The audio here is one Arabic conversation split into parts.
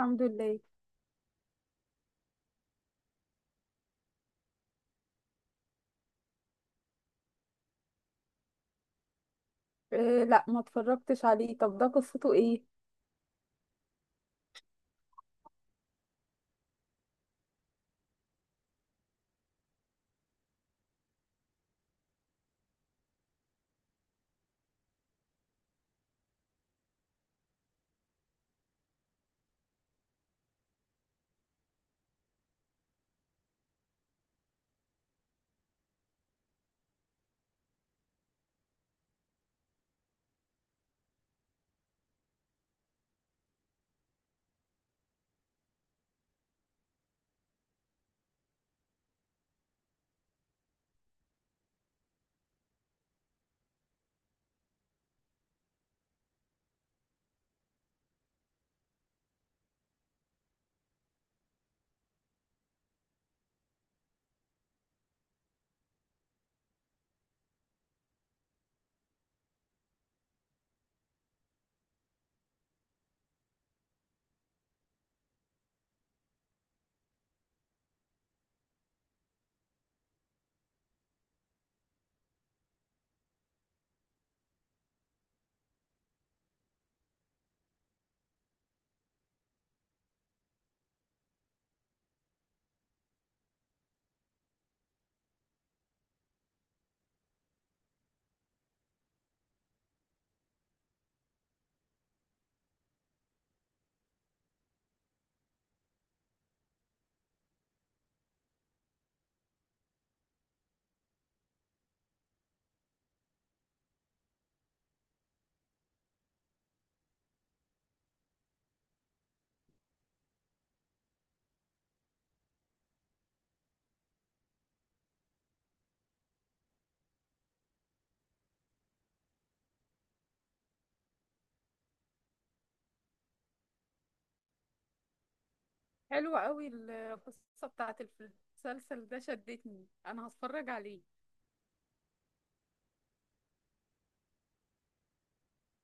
الحمد لله. إيه، لا، ما اتفرجتش عليه. طب ده قصته ايه؟ حلوة قوي القصة بتاعت المسلسل ده، شدتني، انا هتفرج عليه.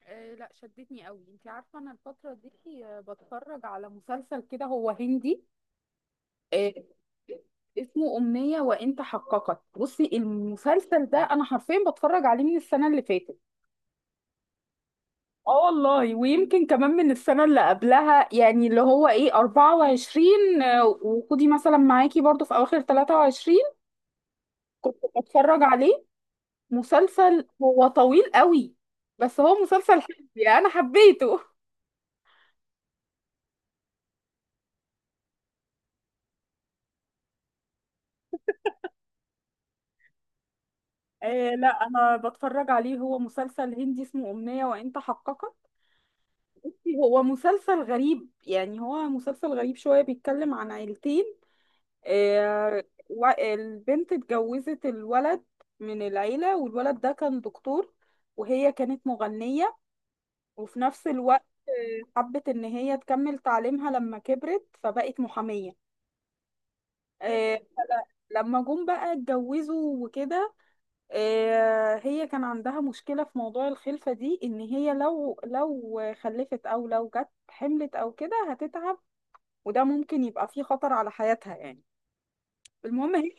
أه لا، شدتني قوي. انت عارفة انا الفترة دي بتفرج على مسلسل كده هو هندي. أه اسمه أمنية وإن تحققت. بصي المسلسل ده انا حرفيا بتفرج عليه من السنة اللي فاتت. اه والله، ويمكن كمان من السنة اللي قبلها، يعني اللي هو 24، وخدي مثلا معاكي برضو في اواخر 23. كنت بتفرج عليه. مسلسل هو طويل قوي، بس هو مسلسل حلو، يعني انا حبيته. لا، انا بتفرج عليه، هو مسلسل هندي اسمه أمنية وانت حققت. بصي، هو مسلسل غريب، يعني هو مسلسل غريب شوية، بيتكلم عن عيلتين. آه، البنت اتجوزت الولد من العيلة، والولد ده كان دكتور، وهي كانت مغنية. وفي نفس الوقت حبت إن هي تكمل تعليمها لما كبرت، فبقت محامية. آه، فل- لما جم بقى اتجوزوا وكده. هي كان عندها مشكلة في موضوع الخلفة دي، إن هي لو خلفت أو لو جت حملت أو كده هتتعب، وده ممكن يبقى فيه خطر على حياتها يعني. المهم هي،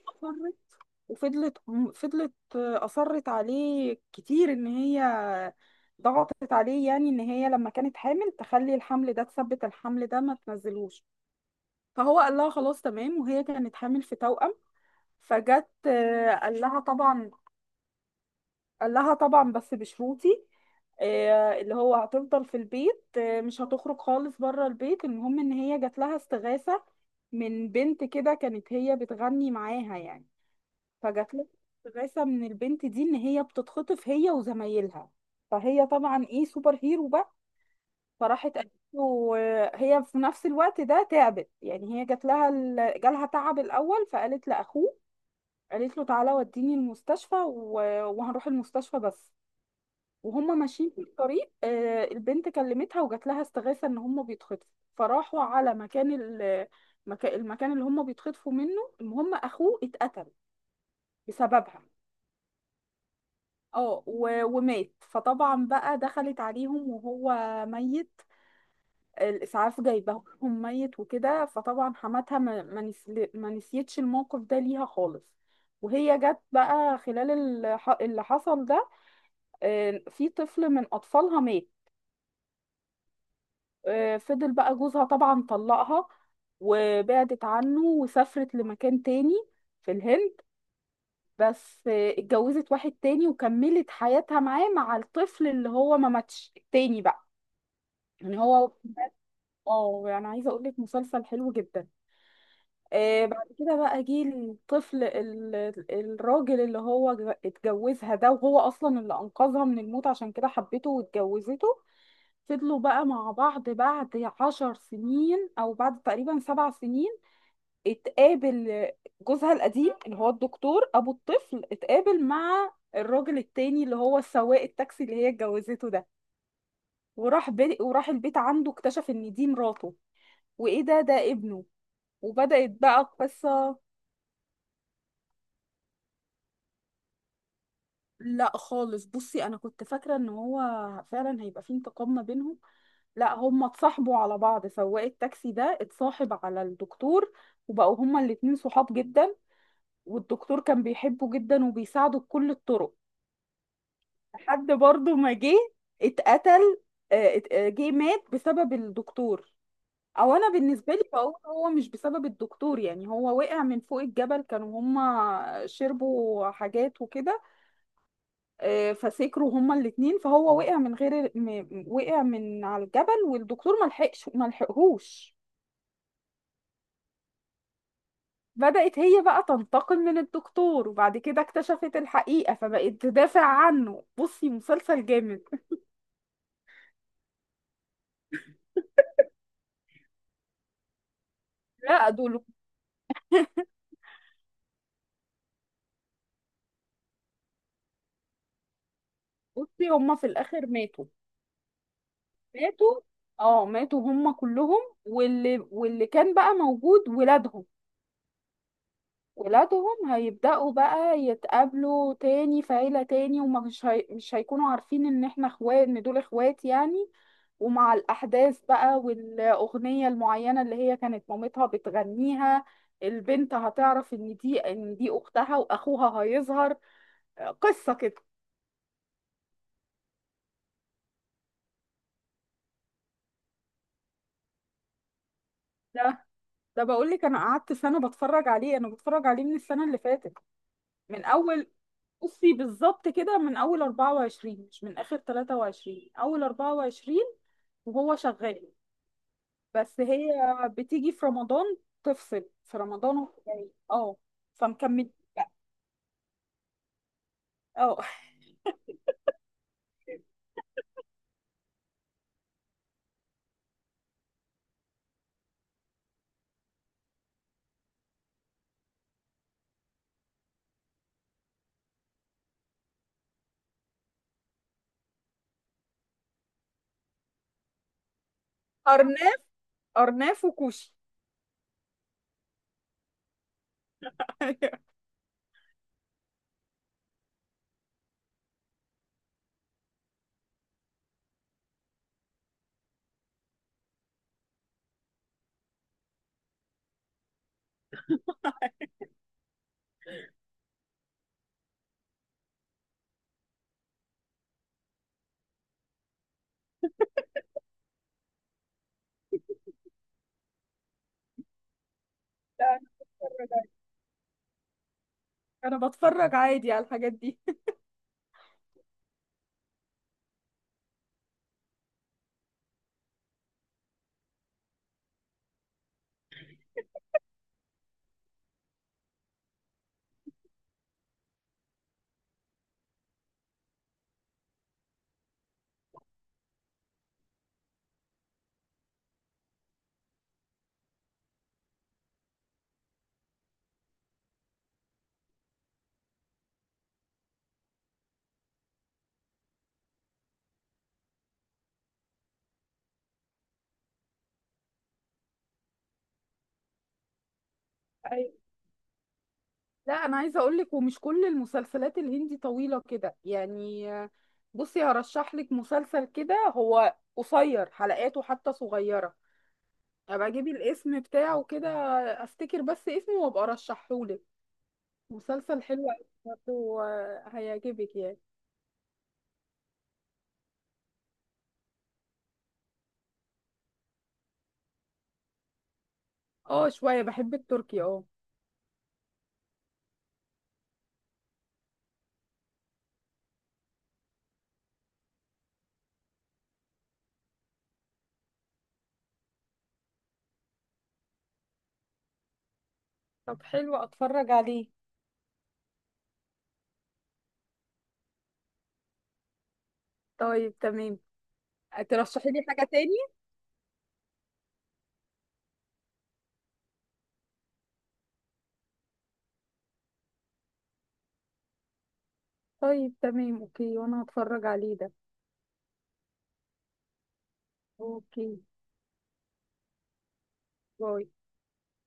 وفضلت أصرت عليه كتير، إن هي ضغطت عليه يعني، إن هي لما كانت حامل تخلي الحمل ده، تثبت الحمل ده ما تنزلوش. فهو قال لها خلاص تمام، وهي كانت حامل في توأم. فجت، قال لها طبعا بس بشروطي. اللي هو هتفضل في البيت، مش هتخرج خالص بره البيت. المهم إن هي جات لها استغاثة من بنت كده كانت هي بتغني معاها يعني. فجات لها استغاثة من البنت دي ان هي بتتخطف هي وزمايلها. فهي طبعا سوبر هيرو بقى. فراحت قالت له، هي في نفس الوقت ده تعبت، يعني هي جالها تعب الاول، فقالت لاخوه، قالت له تعالى وديني المستشفى، وهنروح المستشفى بس. وهم ماشيين في الطريق، البنت كلمتها وجات لها استغاثة ان هم بيتخطفوا. فراحوا على المكان اللي هم بيتخطفوا منه. المهم اخوه اتقتل بسببها، ومات. فطبعا بقى دخلت عليهم وهو ميت، الإسعاف جايبهم ميت وكده. فطبعا حماتها ما نسيتش الموقف ده ليها خالص. وهي جت بقى خلال اللي حصل ده، في طفل من أطفالها مات. فضل بقى جوزها طبعا طلقها، وبعدت عنه وسافرت لمكان تاني في الهند. بس اتجوزت واحد تاني وكملت حياتها معاه مع الطفل اللي هو ما ماتش، التاني بقى. يعني هو، اه يعني عايزه اقول لك مسلسل حلو جدا. بعد كده بقى جه الطفل ال... الراجل اللي هو اتجوزها ده، وهو اصلا اللي انقذها من الموت، عشان كده حبته واتجوزته. فضلوا بقى مع بعض. بعد 10 سنين او بعد تقريبا 7 سنين، اتقابل جوزها القديم اللي هو الدكتور ابو الطفل، اتقابل مع الراجل التاني اللي هو سواق التاكسي اللي هي اتجوزته ده. وراح البيت، عنده اكتشف ان دي مراته، وايه ده ابنه. وبدأت بقى القصة. لا خالص، بصي انا كنت فاكرة ان هو فعلا هيبقى في انتقام ما بينهم. لا، هما اتصاحبوا على بعض. سواق التاكسي ده اتصاحب على الدكتور، وبقوا هما الاتنين صحاب جدا، والدكتور كان بيحبه جدا وبيساعده بكل الطرق. لحد برضه ما جه اتقتل. جه مات بسبب الدكتور. او انا بالنسبه لي بقول هو مش بسبب الدكتور، يعني هو وقع من فوق الجبل، كانوا هما شربوا حاجات وكده، فسكروا هما الاتنين، فهو وقع من على الجبل، والدكتور ما لحقش، ما لحقهوش. بدأت هي بقى تنتقم من الدكتور، وبعد كده اكتشفت الحقيقة، فبقت تدافع عنه. بصي مسلسل جامد. لا دول. بصي هما في الآخر ماتوا. ماتوا، اه، ماتوا هما كلهم. واللي كان بقى موجود ولادهم. ولادهم هيبدأوا بقى يتقابلوا تاني في عيلة تاني، ومش هي... مش هيكونوا عارفين ان احنا اخوات، ان دول اخوات يعني. ومع الأحداث بقى، والأغنية المعينة اللي هي كانت مامتها بتغنيها، البنت هتعرف ان دي اختها، واخوها هيظهر. قصة كده. ده بقول لك، انا قعدت سنة بتفرج عليه، انا بتفرج عليه من السنة اللي فاتت. من اول، بصي بالظبط كده، من اول 24، مش من اخر 23، اول 24 وهو شغال. بس هي بتيجي في رمضان، تفصل في رمضان، وهو جاي اه، فمكمل بقى. اه، ارناف ارناف وكوشي. أيوة. لا، انا بتفرج انا بتفرج عادي على الحاجات دي. أيوة. لا انا عايزه اقول لك، ومش كل المسلسلات الهندي طويله كده يعني. بصي هرشح لك مسلسل كده، هو قصير، حلقاته حتى صغيره. ابقى اجيبي الاسم بتاعه كده، افتكر بس اسمه وابقى ارشحهولك. مسلسل حلو أوي برضه، هيعجبك يعني. اه، شويه بحب التركي اه. طب حلو، اتفرج عليه. طيب تمام. ترشحي لي حاجه تاني. طيب تمام، اوكي، وانا هتفرج عليه ده. اوكي، باي.